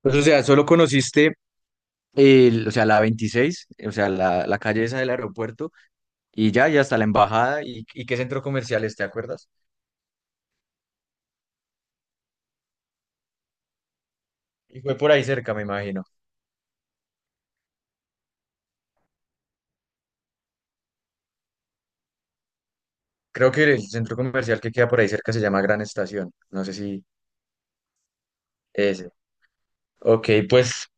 Pues, o sea, solo conociste el, o sea, la 26 o sea, la calle esa del aeropuerto, y ya, y hasta la embajada, y qué centro comercial es, ¿te acuerdas? Y fue por ahí cerca, me imagino. Creo que el centro comercial que queda por ahí cerca se llama Gran Estación. No sé si ese. Ok, pues,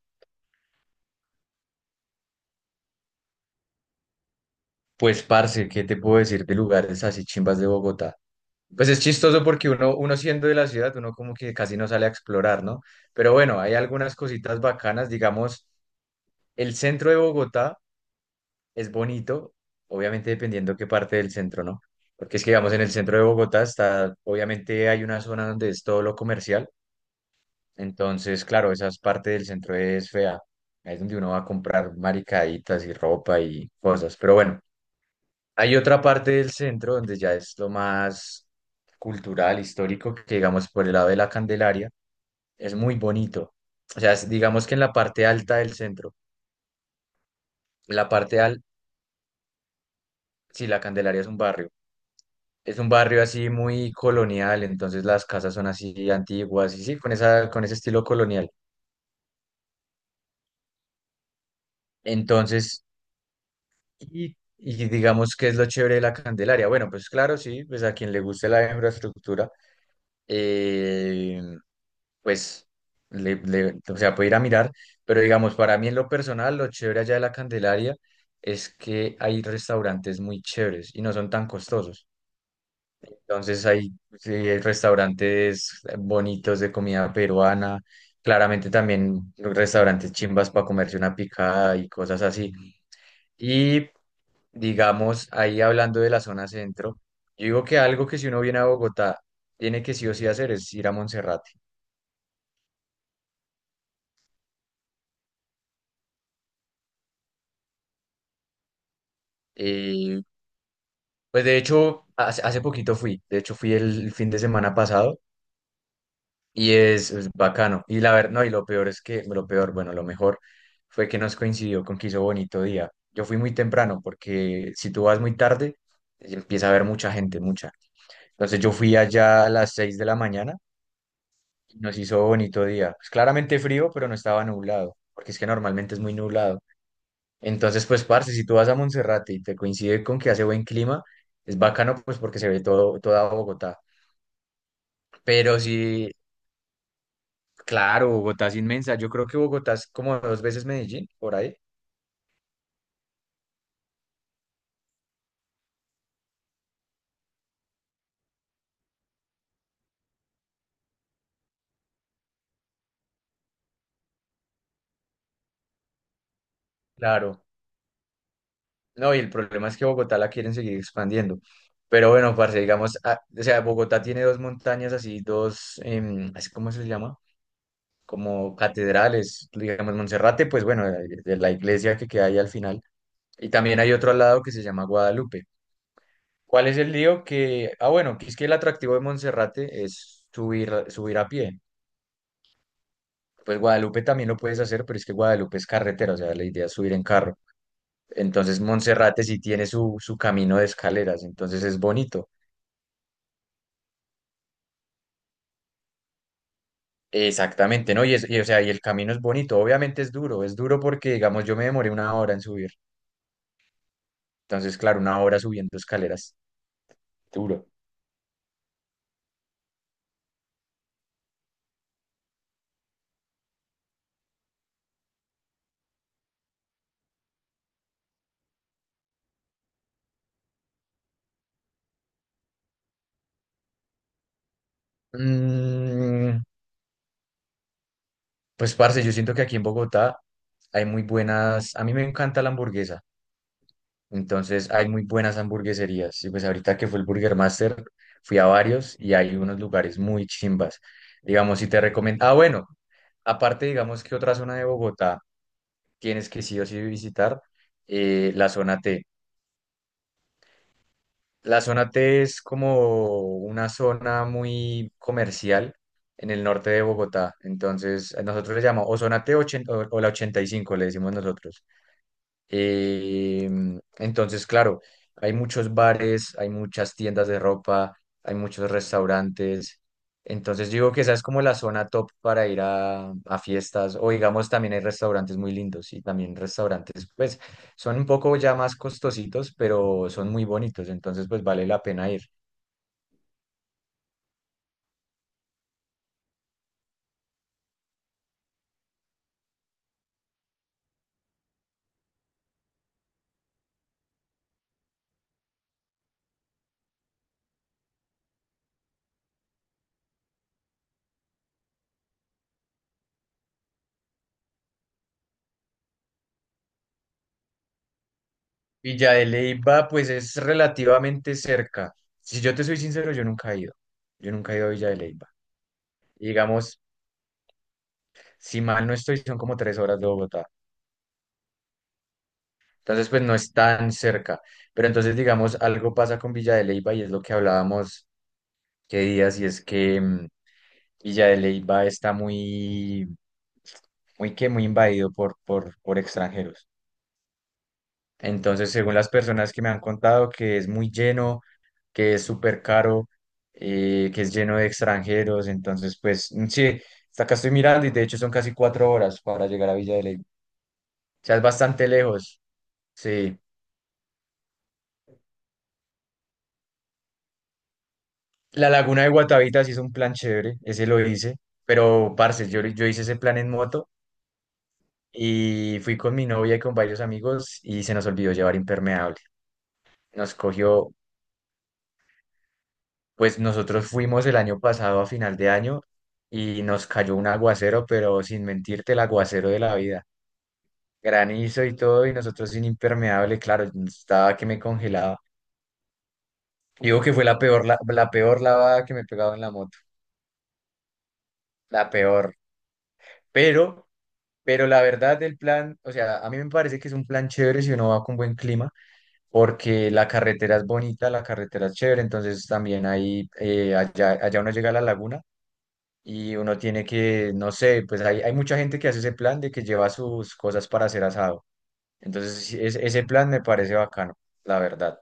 pues, parce, ¿qué te puedo decir de lugares así chimbas de Bogotá? Pues es chistoso porque uno siendo de la ciudad, uno como que casi no sale a explorar, ¿no? Pero bueno, hay algunas cositas bacanas, digamos, el centro de Bogotá es bonito, obviamente dependiendo qué parte del centro, ¿no? Porque es que, digamos, en el centro de Bogotá está, obviamente hay una zona donde es todo lo comercial, entonces, claro, esa parte del centro es fea, ahí es donde uno va a comprar maricaditas y ropa y cosas, pero bueno, hay otra parte del centro donde ya es lo más cultural, histórico, que digamos por el lado de la Candelaria, es muy bonito, o sea, digamos que en la parte alta del centro, la parte alta, sí, la Candelaria es un barrio. Es un barrio así muy colonial, entonces las casas son así antiguas y sí, con esa, con ese estilo colonial. Entonces, y digamos que es lo chévere de la Candelaria. Bueno, pues claro, sí, pues a quien le guste la infraestructura, eh, pues, o sea, puede ir a mirar, pero digamos, para mí en lo personal, lo chévere allá de la Candelaria es que hay restaurantes muy chéveres y no son tan costosos. Entonces hay, sí, hay restaurantes bonitos de comida peruana, claramente también restaurantes chimbas para comerse una picada y cosas así. Y digamos, ahí hablando de la zona centro, yo digo que algo que si uno viene a Bogotá, tiene que sí o sí hacer es ir a Monserrate. Eh, pues de hecho, hace poquito fui, de hecho fui el fin de semana pasado. Y es bacano. Y la verdad, no, y lo peor es que, lo peor, bueno, lo mejor fue que nos coincidió con que hizo bonito día. Yo fui muy temprano porque si tú vas muy tarde, empieza a haber mucha gente, mucha. Entonces yo fui allá a las 6 de la mañana y nos hizo bonito día. Pues claramente frío, pero no estaba nublado, porque es que normalmente es muy nublado. Entonces, pues, parce, si tú vas a Monserrate y te coincide con que hace buen clima, es bacano, pues, porque se ve todo, toda Bogotá. Pero si. Claro, Bogotá es inmensa. Yo creo que Bogotá es como dos veces Medellín, por ahí. Claro. No, y el problema es que Bogotá la quieren seguir expandiendo. Pero bueno, parce, digamos, ah, o sea, Bogotá tiene dos montañas así, dos, así ¿cómo se les llama? Como catedrales, digamos, Monserrate, pues bueno, de la iglesia que queda ahí al final. Y también hay otro al lado que se llama Guadalupe. ¿Cuál es el lío? Que, ah, bueno, que es que el atractivo de Monserrate es subir, subir a pie. Pues Guadalupe también lo puedes hacer, pero es que Guadalupe es carretera, o sea, la idea es subir en carro. Entonces Monserrate sí tiene su camino de escaleras, entonces es bonito. Exactamente, ¿no? Y, o sea, el camino es bonito, obviamente es duro porque, digamos, yo me demoré una hora en subir. Entonces, claro, una hora subiendo escaleras, duro. Mm, pues, parce, yo siento que aquí en Bogotá hay muy buenas, a mí me encanta la hamburguesa. Entonces hay muy buenas hamburgueserías. Y pues ahorita que fue el Burger Master, fui a varios y hay unos lugares muy chimbas. Digamos, si te recomiendo. Ah, bueno, aparte, digamos que otra zona de Bogotá tienes que sí o sí visitar, la zona T. La zona T es como una zona muy comercial en el norte de Bogotá. Entonces, nosotros le llamamos o zona T 80 o la 85, le decimos nosotros. Eh, entonces, claro, hay muchos bares, hay muchas tiendas de ropa, hay muchos restaurantes. Entonces, digo que esa es como la zona top para ir a fiestas. O digamos, también hay restaurantes muy lindos y también restaurantes, pues, son un poco ya más costositos, pero son muy bonitos. Entonces, pues, vale la pena ir. Villa de Leyva, pues, es relativamente cerca. Si yo te soy sincero, yo nunca he ido. Yo nunca he ido a Villa de Leyva. Digamos, si mal no estoy, son como 3 horas de Bogotá. Entonces, pues no es tan cerca. Pero entonces, digamos, algo pasa con Villa de Leyva y es lo que hablábamos qué días, y es que Villa de Leyva está muy, muy que muy invadido por extranjeros. Entonces, según las personas que me han contado, que es muy lleno, que es súper caro, que es lleno de extranjeros. Entonces, pues sí, hasta acá estoy mirando y de hecho son casi 4 horas para llegar a Villa de Leyva. O sea, es bastante lejos. Sí. La laguna de Guatavita sí es un plan chévere, ese lo hice, pero parce, yo hice ese plan en moto y fui con mi novia y con varios amigos y se nos olvidó llevar impermeable. Nos cogió, pues nosotros fuimos el año pasado a final de año y nos cayó un aguacero, pero sin mentirte, el aguacero de la vida. Granizo y todo y nosotros sin impermeable, claro, estaba que me congelaba. Digo que fue la peor, la peor lavada que me he pegado en la moto, la peor, pero. Pero la verdad del plan, o sea, a mí me parece que es un plan chévere si uno va con buen clima, porque la carretera es bonita, la carretera es chévere, entonces también ahí, allá uno llega a la laguna y uno tiene que, no sé, pues hay mucha gente que hace ese plan de que lleva sus cosas para hacer asado. Entonces, sí, ese plan me parece bacano, la verdad.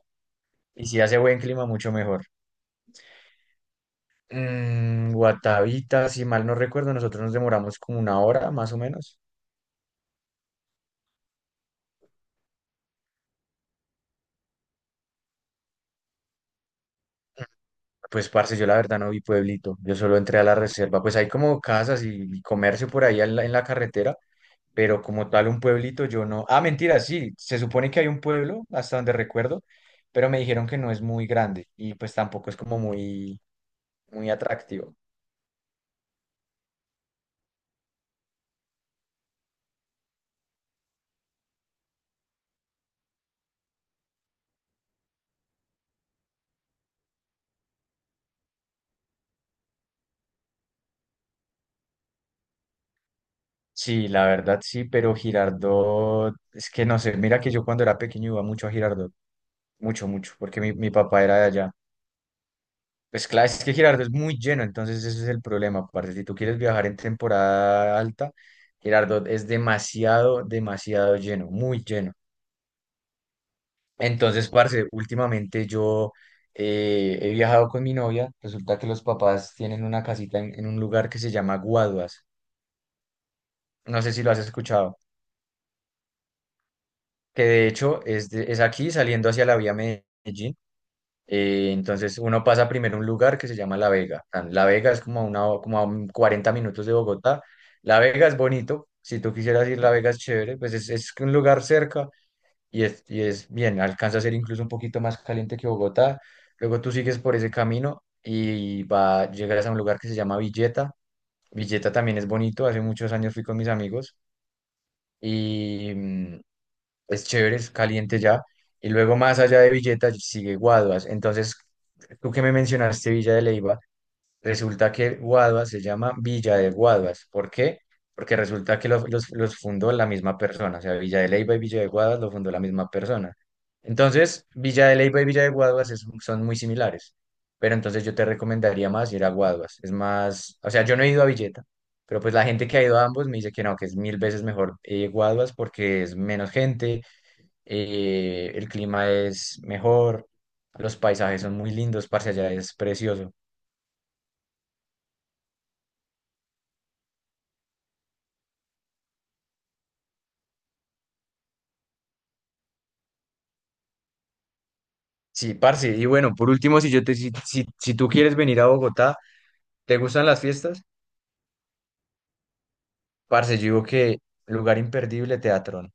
Y si hace buen clima, mucho mejor. Guatavita, si mal no recuerdo, nosotros nos demoramos como una hora más o menos. Pues, parce, yo la verdad no vi pueblito, yo solo entré a la reserva, pues hay como casas y comercio por ahí en la carretera, pero como tal un pueblito yo no. Ah, mentira, sí, se supone que hay un pueblo, hasta donde recuerdo, pero me dijeron que no es muy grande y pues tampoco es como muy, muy atractivo. Sí, la verdad sí, pero Girardot, es que no sé, mira que yo cuando era pequeño iba mucho a Girardot, mucho, mucho, porque mi papá era de allá. Pues claro, es que Girardot es muy lleno, entonces ese es el problema. Aparte, si tú quieres viajar en temporada alta, Girardot es demasiado, demasiado lleno, muy lleno. Entonces, parce, últimamente yo he viajado con mi novia. Resulta que los papás tienen una casita en un lugar que se llama Guaduas. No sé si lo has escuchado, que de hecho es, es aquí saliendo hacia la vía Medellín. Entonces uno pasa primero a un lugar que se llama La Vega. La Vega es como a un 40 minutos de Bogotá. La Vega es bonito. Si tú quisieras ir, La Vega es chévere. Pues es un lugar cerca y es bien. Alcanza a ser incluso un poquito más caliente que Bogotá. Luego tú sigues por ese camino llegas a un lugar que se llama Villeta. Villeta también es bonito. Hace muchos años fui con mis amigos y es chévere, es caliente ya. Y luego más allá de Villeta sigue Guaduas. Entonces, tú que me mencionaste Villa de Leiva, resulta que Guaduas se llama Villa de Guaduas. ¿Por qué? Porque resulta que los fundó la misma persona. O sea, Villa de Leiva y Villa de Guaduas lo fundó la misma persona. Entonces, Villa de Leiva y Villa de Guaduas son muy similares. Pero entonces yo te recomendaría más ir a Guaduas. Es más, o sea, yo no he ido a Villeta. Pero pues la gente que ha ido a ambos me dice que no, que es mil veces mejor Guaduas porque es menos gente, el clima es mejor, los paisajes son muy lindos, parce, allá es precioso. Sí, parce, y bueno, por último, si yo te, si, si, si tú quieres venir a Bogotá, ¿te gustan las fiestas? Parce, yo digo que lugar imperdible, Teatrón.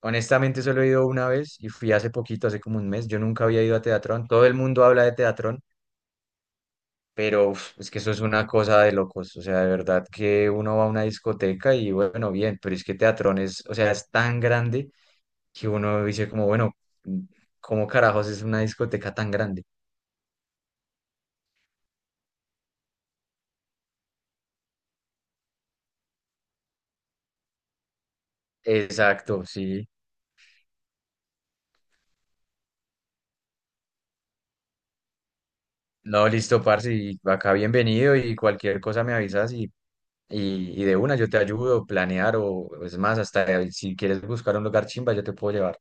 Honestamente, solo he ido una vez y fui hace poquito, hace como un mes. Yo nunca había ido a Teatrón. Todo el mundo habla de Teatrón, pero uf, es que eso es una cosa de locos. O sea, de verdad que uno va a una discoteca y bueno, bien, pero es que Teatrón es, o sea, es tan grande que uno dice como, bueno, ¿cómo carajos es una discoteca tan grande? Exacto, sí. No, listo, parce, y acá bienvenido y cualquier cosa me avisas y de una yo te ayudo a planear o es más, hasta si quieres buscar un lugar chimba yo te puedo llevar.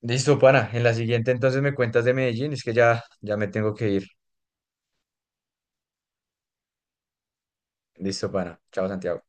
Listo, pana, en la siguiente entonces me cuentas de Medellín, es que ya me tengo que ir. Listo, pana. Chao, Santiago.